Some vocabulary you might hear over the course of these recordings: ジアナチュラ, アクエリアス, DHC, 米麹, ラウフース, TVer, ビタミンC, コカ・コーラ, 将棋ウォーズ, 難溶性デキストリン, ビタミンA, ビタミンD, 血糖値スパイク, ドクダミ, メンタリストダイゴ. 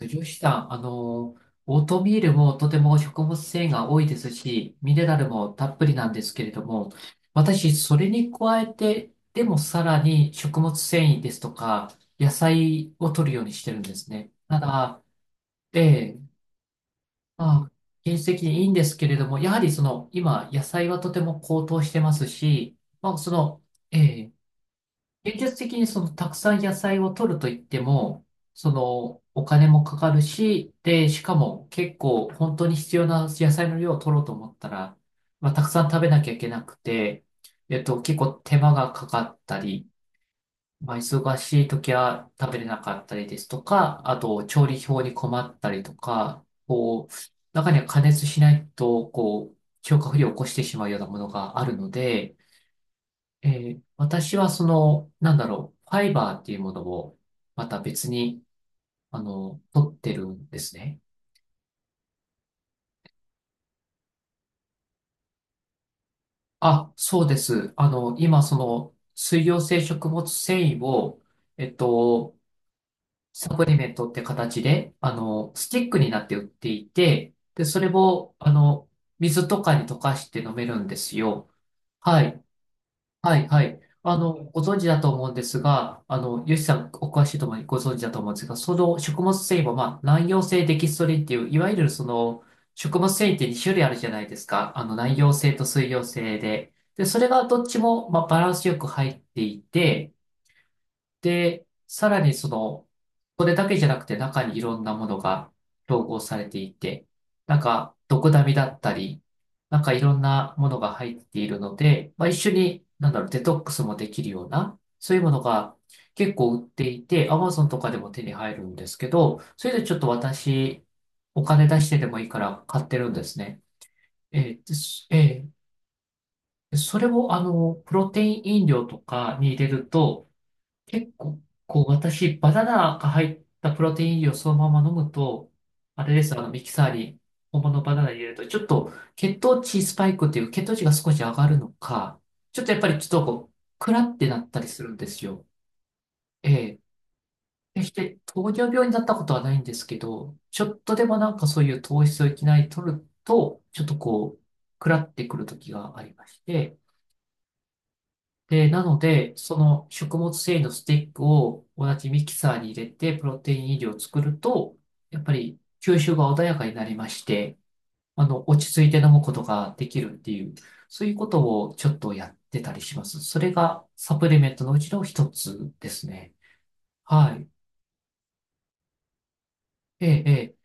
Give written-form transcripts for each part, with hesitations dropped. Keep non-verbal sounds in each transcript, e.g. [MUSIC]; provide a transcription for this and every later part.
女子さん、オートミールもとても食物繊維が多いですし、ミネラルもたっぷりなんですけれども、私、それに加えて、でもさらに食物繊維ですとか、野菜を取るようにしてるんですね。ただ、ええ、まあ、現実的にいいんですけれども、やはり今、野菜はとても高騰してますし、まあ、その、ええ現実的にそのたくさん野菜を取ると言っても、そのお金もかかるし、で、しかも結構本当に必要な野菜の量を取ろうと思ったら、たくさん食べなきゃいけなくて、結構手間がかかったり、忙しい時は食べれなかったりですとか、あと調理表に困ったりとか、中には加熱しないと、消化不良を起こしてしまうようなものがあるので、え私はその、ファイバーっていうものを、また別に、取ってるんですね。あ、そうです。今、水溶性食物繊維を、えっと、サプリメントって形で、スティックになって売っていて、で、それを、水とかに溶かして飲めるんですよ。はい。はい、はい。ご存知だと思うんですが、ヨシさん、お詳しいと思い、ご存知だと思うんですが、その食物繊維も、難溶性デキストリンっていう、いわゆるその、食物繊維って2種類あるじゃないですか。難溶性と水溶性で。で、それがどっちも、バランスよく入っていて、で、さらにその、これだけじゃなくて中にいろんなものが統合されていて、なんか、ドクダミだったり、なんかいろんなものが入っているので、一緒に、デトックスもできるような、そういうものが結構売っていて、Amazon とかでも手に入るんですけど、それでちょっと私、お金出してでもいいから買ってるんですね。えーですえーそれを、プロテイン飲料とかに入れると、結構、私、バナナが入ったプロテイン飲料をそのまま飲むと、あれです、ミキサーに本物のバナナ入れると、ちょっと血糖値スパイクっていう血糖値が少し上がるのか、ちょっとやっぱりちょっとクラってなったりするんですよ。ええ。決して糖尿病になったことはないんですけど、ちょっとでもなんかそういう糖質をいきなり取ると、ちょっとクラってくる時がありまして、で、なので、その食物繊維のスティックを同じミキサーに入れて、プロテイン飲料を作ると、やっぱり吸収が穏やかになりまして、落ち着いて飲むことができるっていう、そういうことをちょっとやってたりします。それがサプリメントのうちの一つですね。はい。ええ、え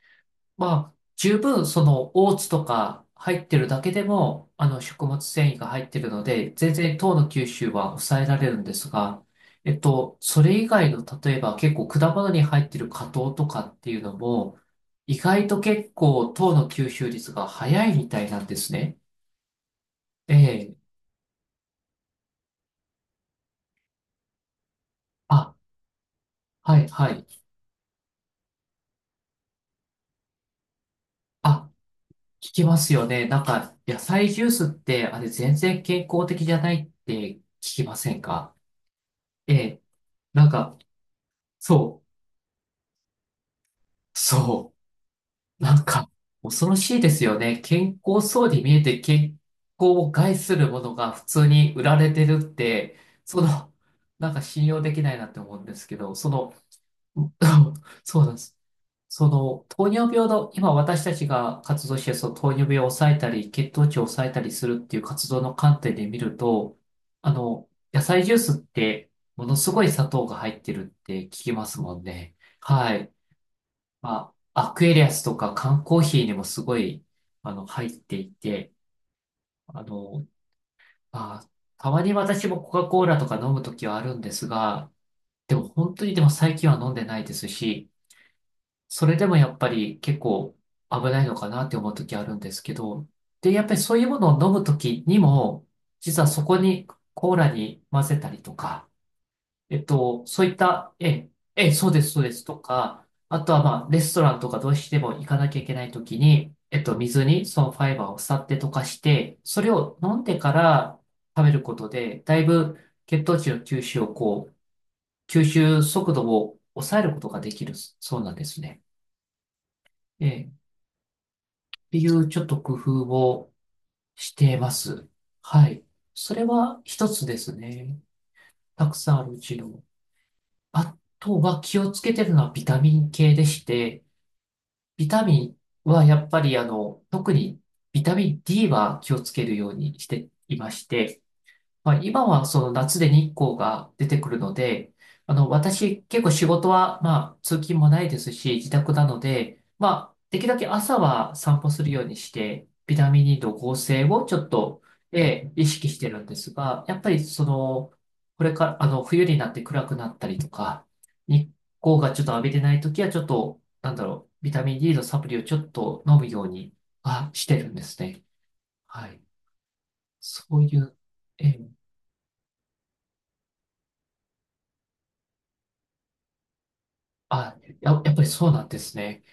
ま十分そのオーツとか入ってるだけでも、あの食物繊維が入ってるので、全然糖の吸収は抑えられるんですが、それ以外の例えば結構果物に入ってる果糖とかっていうのも、意外と結構糖の吸収率が早いみたいなんですね。ええ。あ、はいはい。あ、聞きますよね。なんか野菜ジュースってあれ全然健康的じゃないって聞きませんか？ええ。なんか、そう。そう。なんか、恐ろしいですよね。健康そうに見えて健康を害するものが普通に売られてるって、その、なんか信用できないなって思うんですけど、その、う [LAUGHS] そうなんです。その、糖尿病の、今私たちが活動して、その糖尿病を抑えたり、血糖値を抑えたりするっていう活動の観点で見ると、野菜ジュースって、ものすごい砂糖が入ってるって聞きますもんね。はい。アクエリアスとか缶コーヒーにもすごい、入っていて、あの、まあ、たまに私もコカ・コーラとか飲むときはあるんですが、でも本当にでも最近は飲んでないですし、それでもやっぱり結構危ないのかなって思うときあるんですけど、で、やっぱりそういうものを飲むときにも、実はそこにコーラに混ぜたりとか、そういった、そうです、そうです、とか、あとは、レストランとかどうしても行かなきゃいけないときに、水にそのファイバーをさって溶かして、それを飲んでから食べることで、だいぶ血糖値の吸収をこう、吸収速度を抑えることができる、そうなんですね。っていうちょっと工夫をしています。はい。それは一つですね。たくさんあるうちの。あとは気をつけてるのはビタミン系でして、ビタミンはやっぱり特にビタミン D は気をつけるようにしていまして、今はその夏で日光が出てくるので、私結構仕事は、通勤もないですし、自宅なので、できるだけ朝は散歩するようにして、ビタミン D の合成をちょっと、意識してるんですが、やっぱりその、これから、冬になって暗くなったりとか、日光がちょっと浴びてない時は、ちょっと、ビタミン D のサプリをちょっと飲むようにはしてるんですね。はい。そういう、えーあ、やっぱりそうなんですね。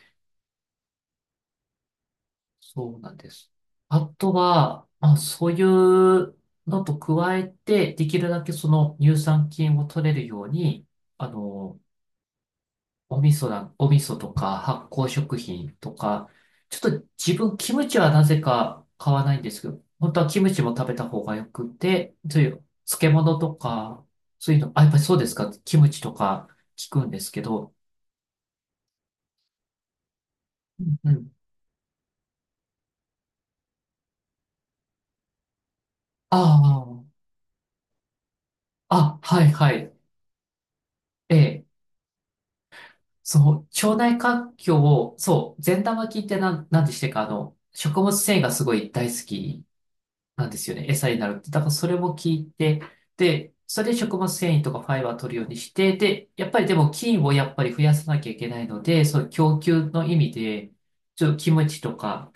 そうなんです。あとは、そういうのと加えて、できるだけその乳酸菌を取れるように、あの、お味噌とか発酵食品とか、ちょっと自分キムチはなぜか買わないんですけど、本当はキムチも食べた方がよくて、そういう漬物とか、そういうの、あ、やっぱりそうですか、キムチとか聞くんですけど、うんうん。ああ、あ、はいはい。ええそう、腸内環境を、そう、善玉菌ってなんでしてか、食物繊維がすごい大好きなんですよね。餌になるって。だからそれも聞いて、で、それで食物繊維とかファイバー取るようにして、で、やっぱりでも菌をやっぱり増やさなきゃいけないので、そう、供給の意味で、ちょっとキムチとか、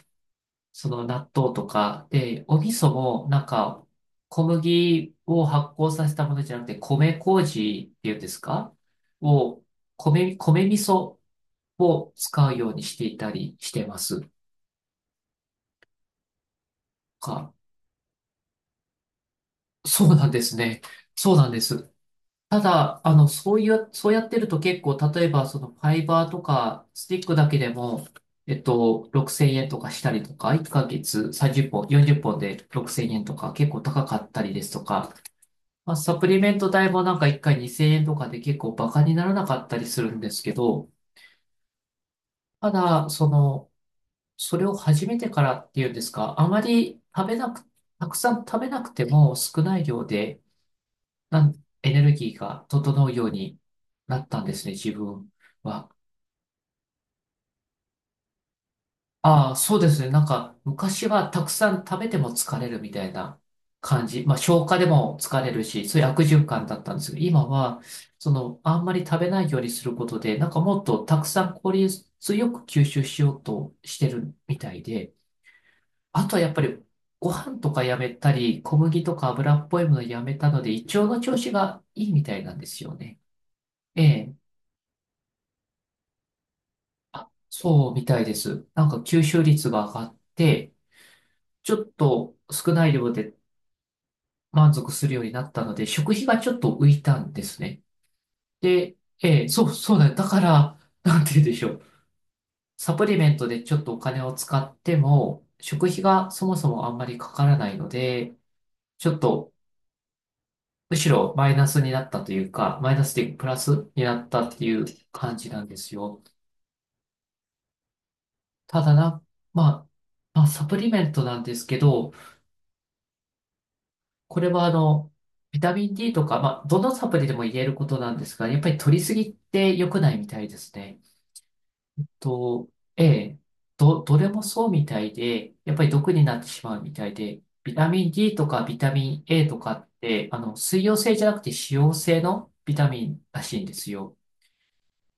その納豆とか、で、お味噌もなんか、小麦を発酵させたものじゃなくて、米麹っていうんですかを、米味噌を使うようにしていたりしてますか。そうなんですね。そうなんです。ただ、そういう、そうやってると結構、例えば、そのファイバーとか、スティックだけでも、6000円とかしたりとか、1ヶ月30本、40本で6000円とか、結構高かったりですとか、まあ、サプリメント代もなんか1回2000円とかで結構バカにならなかったりするんですけど、ただ、それを始めてからっていうんですか、あまり食べなく、たくさん食べなくても少ない量で、エネルギーが整うようになったんですね、自分は。ああ、そうですね。なんか、昔はたくさん食べても疲れるみたいな感じ。まあ、消化でも疲れるし、そういう悪循環だったんですけど、今は、その、あんまり食べないようにすることで、なんかもっとたくさん効率よく吸収しようとしてるみたいで、あとはやっぱりご飯とかやめたり、小麦とか油っぽいものやめたので、胃腸の調子がいいみたいなんですよね。ええ、そうみたいです。なんか吸収率が上がって、ちょっと少ない量で満足するようになったので、食費がちょっと浮いたんですね。で、ええ、そうだよ。だから、なんて言うんでしょう。サプリメントでちょっとお金を使っても、食費がそもそもあんまりかからないので、ちょっとむしろマイナスになったというか、マイナスでプラスになったっていう感じなんですよ。ただな、ままあ、サプリメントなんですけど、これはあの、ビタミン D とか、まあ、どのサプリでも言えることなんですが、やっぱり取りすぎって良くないみたいですね。と、ええ、どれもそうみたいで、やっぱり毒になってしまうみたいで、ビタミン D とかビタミン A とかって、あの、水溶性じゃなくて脂溶性のビタミンらしいんですよ。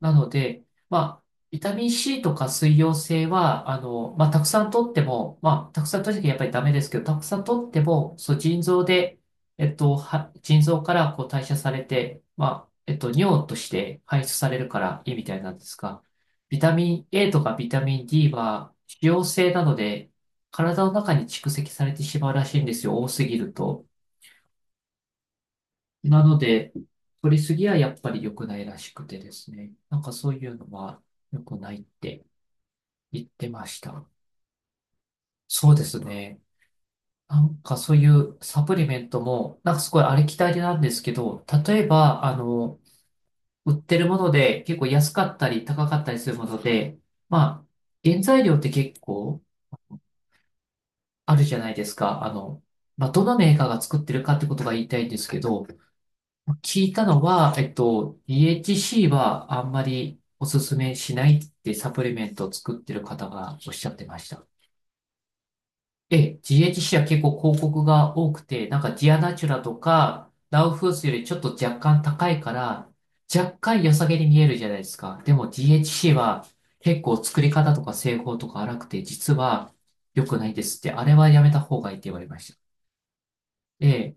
なので、まあ、ビタミン C とか水溶性は、あの、まあ、たくさん取っても、まあ、たくさん取るときやっぱりダメですけど、たくさん取っても、そう、腎臓で、腎臓からこう代謝されて、まあ、尿として排出されるからいいみたいなんですが、ビタミン A とかビタミン D は、脂溶性なので、体の中に蓄積されてしまうらしいんですよ、多すぎると。なので、取りすぎはやっぱり良くないらしくてですね。なんかそういうのは良くないって言ってました。そうですね。なんかそういうサプリメントも、なんかすごいありきたりなんですけど、例えば、あの、売ってるもので結構安かったり高かったりするもので、まあ、原材料って結構あるじゃないですか。あの、まあ、どのメーカーが作ってるかってことが言いたいんですけど、聞いたのは、DHC はあんまりおすすめしないってサプリメントを作ってる方がおっしゃってました。ええ、DHC は結構広告が多くて、なんかジアナチュラとかラウフースよりちょっと若干高いから、若干良さげに見えるじゃないですか。でも DHC は結構作り方とか製法とか荒くて、実は良くないですって、あれはやめた方がいいって言われました。ええ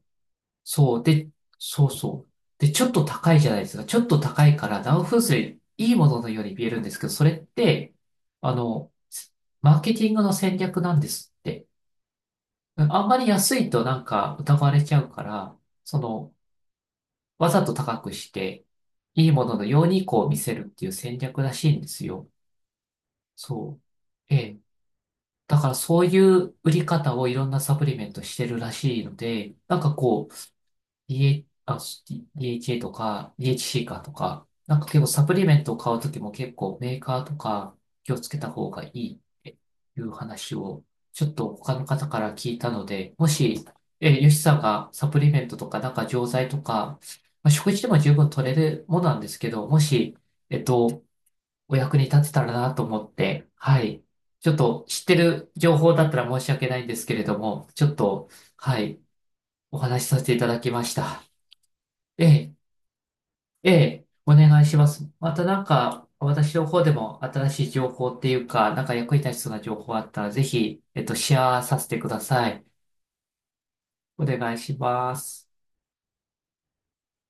そう、で、そうそう。で、ちょっと高いじゃないですか。ちょっと高いから、ダウン風水、いいもののように見えるんですけど、それって、あの、マーケティングの戦略なんですって。うんあんまり安いとなんか疑われちゃうから、その、わざと高くして、いいもののようにこう見せるっていう戦略らしいんですよ。そう。ええ。だからそういう売り方をいろんなサプリメントしてるらしいので、なんかこう、し a とか、DHC かとか、なんか結構サプリメントを買うときも結構メーカーとか気をつけた方がいいっていう話をちょっと他の方から聞いたので、もし、えヨシさんがサプリメントとかなんか錠剤とか、まあ、食事でも十分取れるものなんですけど、もし、えっと、お役に立てたらなと思って、はい。ちょっと知ってる情報だったら申し訳ないんですけれども、ちょっと、はい、お話しさせていただきました。ええええ、お願いします。またなんか、私の方でも新しい情報っていうか、なんか役に立ちそうな情報あったら、ぜひ、シェアさせてください。お願いします。